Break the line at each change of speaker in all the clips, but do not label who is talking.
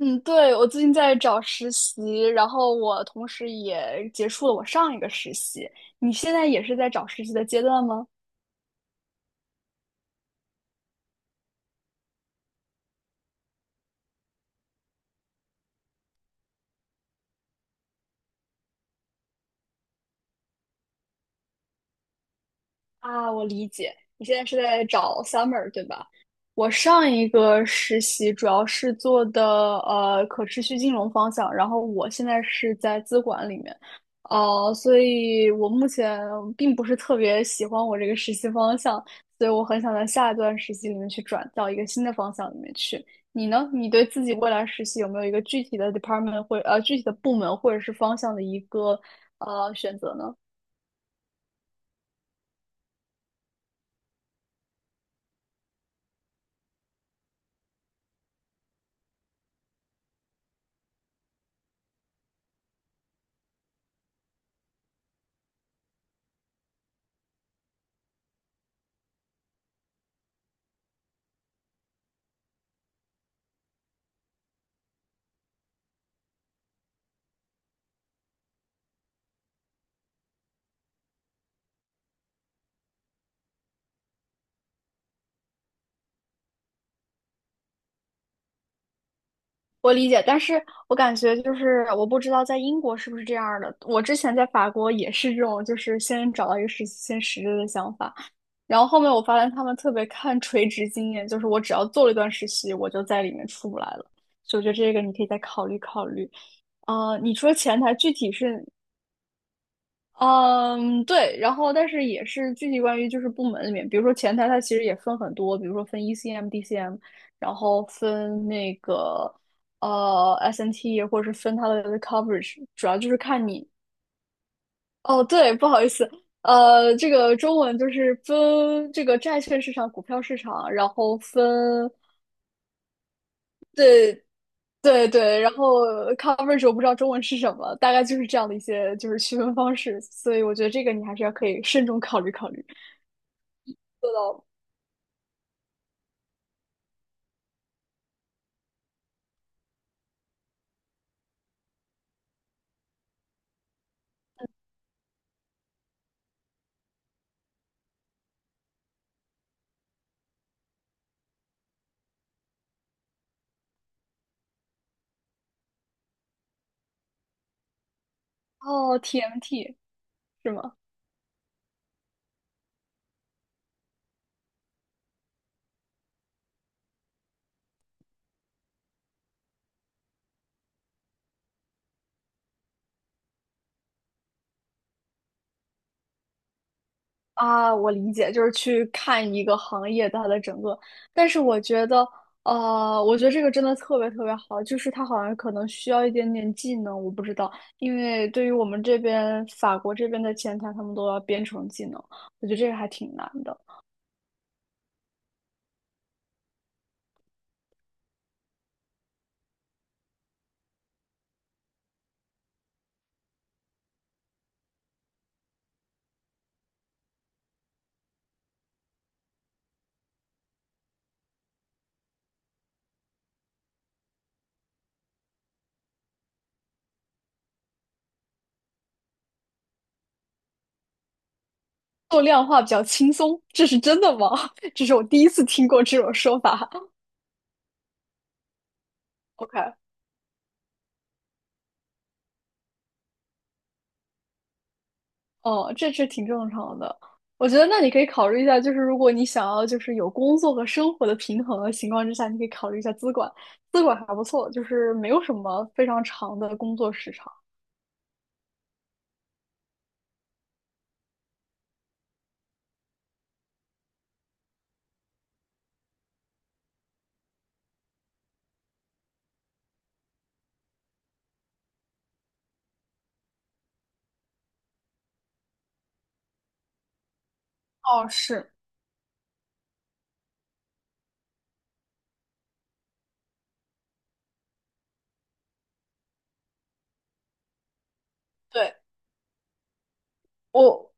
嗯，对，我最近在找实习，然后我同时也结束了我上一个实习。你现在也是在找实习的阶段吗？啊，我理解，你现在是在找 summer 对吧？我上一个实习主要是做的可持续金融方向，然后我现在是在资管里面，所以我目前并不是特别喜欢我这个实习方向，所以我很想在下一段实习里面去转到一个新的方向里面去。你呢？你对自己未来实习有没有一个具体的 department 或具体的部门或者是方向的一个选择呢？我理解，但是我感觉就是我不知道在英国是不是这样儿的。我之前在法国也是这种，就是先找到一个实习先实习的想法，然后后面我发现他们特别看垂直经验，就是我只要做了一段实习，我就在里面出不来了。所以我觉得这个你可以再考虑考虑。你说前台具体是。嗯，对，然后但是也是具体关于就是部门里面，比如说前台它其实也分很多，比如说分 ECM、DCM，然后分那个SNT，或者是分它的 coverage，主要就是看你。哦，对，不好意思，这个中文就是分这个债券市场、股票市场，然后分。对对对，然后coverage 我不知道中文是什么，大概就是这样的一些就是区分方式，所以我觉得这个你还是要可以慎重考虑考虑。做到。哦，TMT 是吗？啊，我理解，就是去看一个行业它的整个，但是我觉得这个真的特别特别好，就是它好像可能需要一点点技能，我不知道，因为对于我们这边法国这边的前台，他们都要编程技能，我觉得这个还挺难的。做量化比较轻松，这是真的吗？这是我第一次听过这种说法。OK。哦，这是挺正常的。我觉得那你可以考虑一下，就是如果你想要就是有工作和生活的平衡的情况之下，你可以考虑一下资管，资管还不错，就是没有什么非常长的工作时长。哦，是，对，我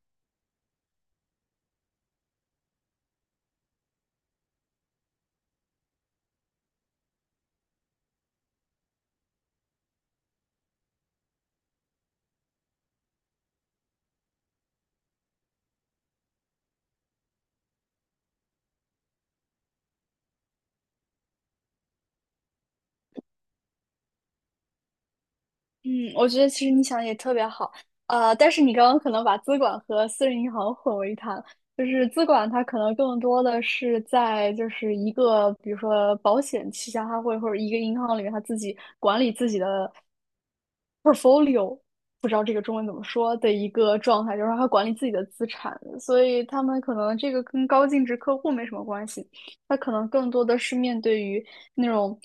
嗯，我觉得其实你想的也特别好，但是你刚刚可能把资管和私人银行混为一谈，就是资管它可能更多的是在就是一个比如说保险旗下，它会或者一个银行里面它自己管理自己的 portfolio，不知道这个中文怎么说的一个状态，就是它管理自己的资产，所以他们可能这个跟高净值客户没什么关系，他可能更多的是面对于。那种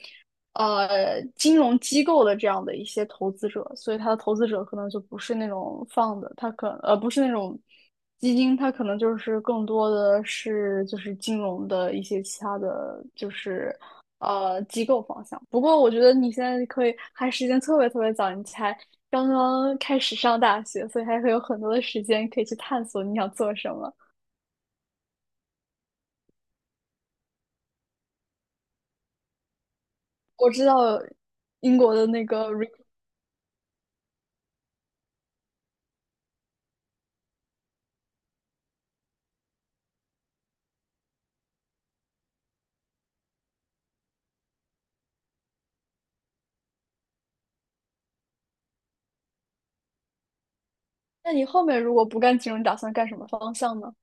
金融机构的这样的一些投资者，所以他的投资者可能就不是那种放的，他不是那种基金，他可能就是更多的是就是金融的一些其他的就是机构方向。不过我觉得你现在可以还时间特别特别早，你才刚刚开始上大学，所以还会有很多的时间可以去探索你想做什么。我知道英国的那个。那你后面如果不干金融，你打算干什么方向呢？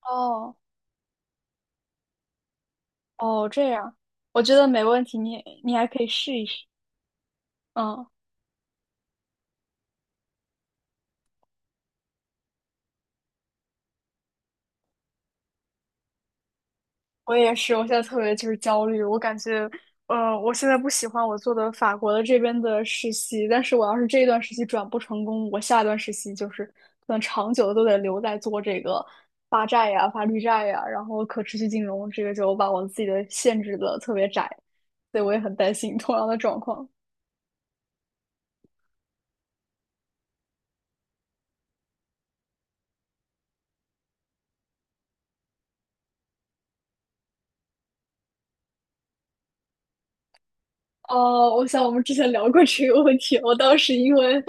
哦哦，这样，我觉得没问题，你还可以试一试。嗯，我也是，我现在特别就是焦虑，我感觉，我现在不喜欢我做的法国的这边的实习，但是我要是这一段实习转不成功，我下一段实习就是可能长久的都得留在做这个发债呀、发绿债呀，然后可持续金融，这个就把我自己的限制的特别窄，所以我也很担心同样的状况。哦，我想我们之前聊过这个问题。我当时因为，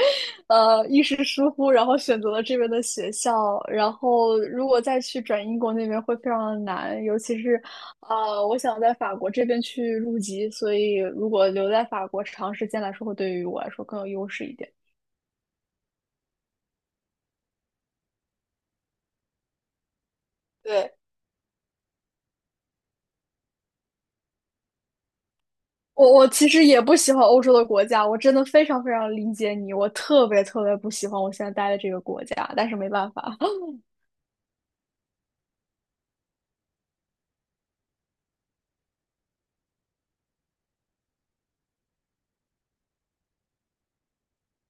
一时疏忽，然后选择了这边的学校。然后，如果再去转英国那边会非常的难，尤其是，我想在法国这边去入籍，所以如果留在法国长时间来说，会对于我来说更有优势一点。对，我其实也不喜欢欧洲的国家，我真的非常非常理解你，我特别特别不喜欢我现在待的这个国家，但是没办法。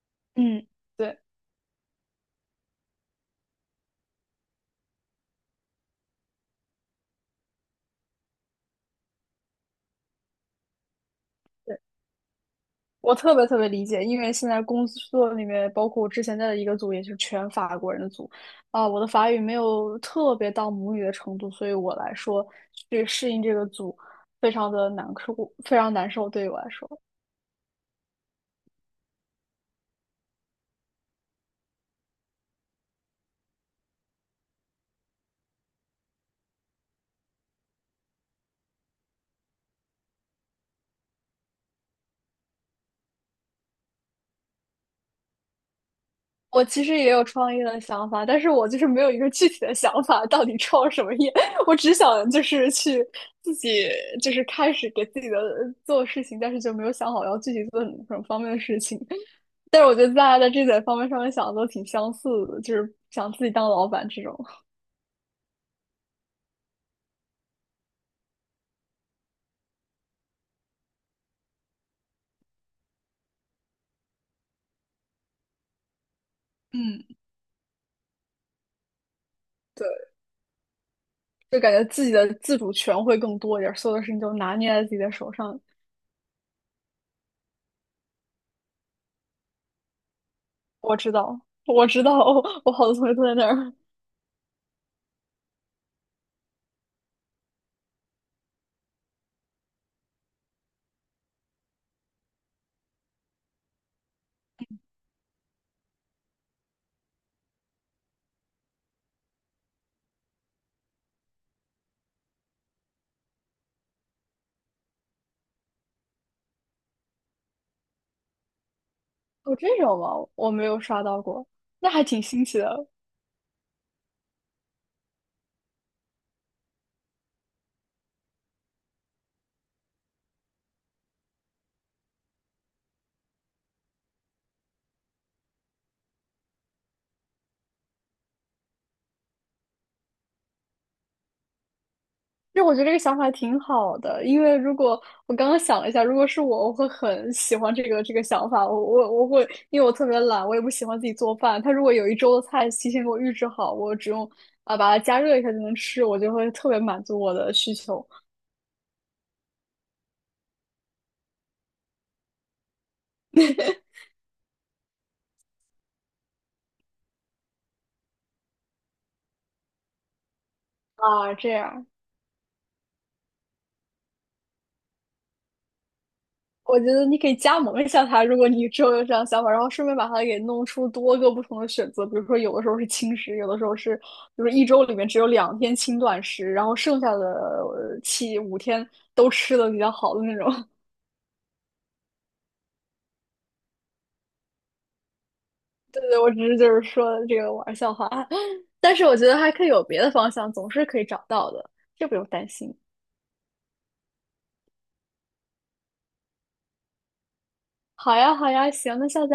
嗯，对。我特别特别理解，因为现在工作里面，包括我之前在的一个组，也是全法国人的组，啊、我的法语没有特别到母语的程度，所以我来说去适应这个组非常的难受，非常难受。对于我来说，我其实也有创业的想法，但是我就是没有一个具体的想法，到底创什么业，我只想就是去自己就是开始给自己的做事情，但是就没有想好要具体做什么什么方面的事情。但是我觉得大家在这点方面上面想的都挺相似的，就是想自己当老板这种，嗯，对，就感觉自己的自主权会更多一点，所有的事情都拿捏在自己的手上。我知道，我知道，我好多同学都在那儿。有这种吗？我没有刷到过，那还挺新奇的。就我觉得这个想法挺好的，因为如果我刚刚想了一下，如果是我，我会很喜欢这个想法。我会，因为我特别懒，我也不喜欢自己做饭。他如果有一周的菜提前给我预制好，我只用啊把它加热一下就能吃，我就会特别满足我的需求。 啊。这样，我觉得你可以加盟一下他，如果你之后有这样想法，然后顺便把它给弄出多个不同的选择，比如说有的时候是轻食，有的时候是，比如说一周里面只有2天轻断食，然后剩下的七五天都吃的比较好的那种。对对，我只是就是说这个玩笑话，但是我觉得还可以有别的方向，总是可以找到的，这不用担心。好呀，好呀，行，那下次。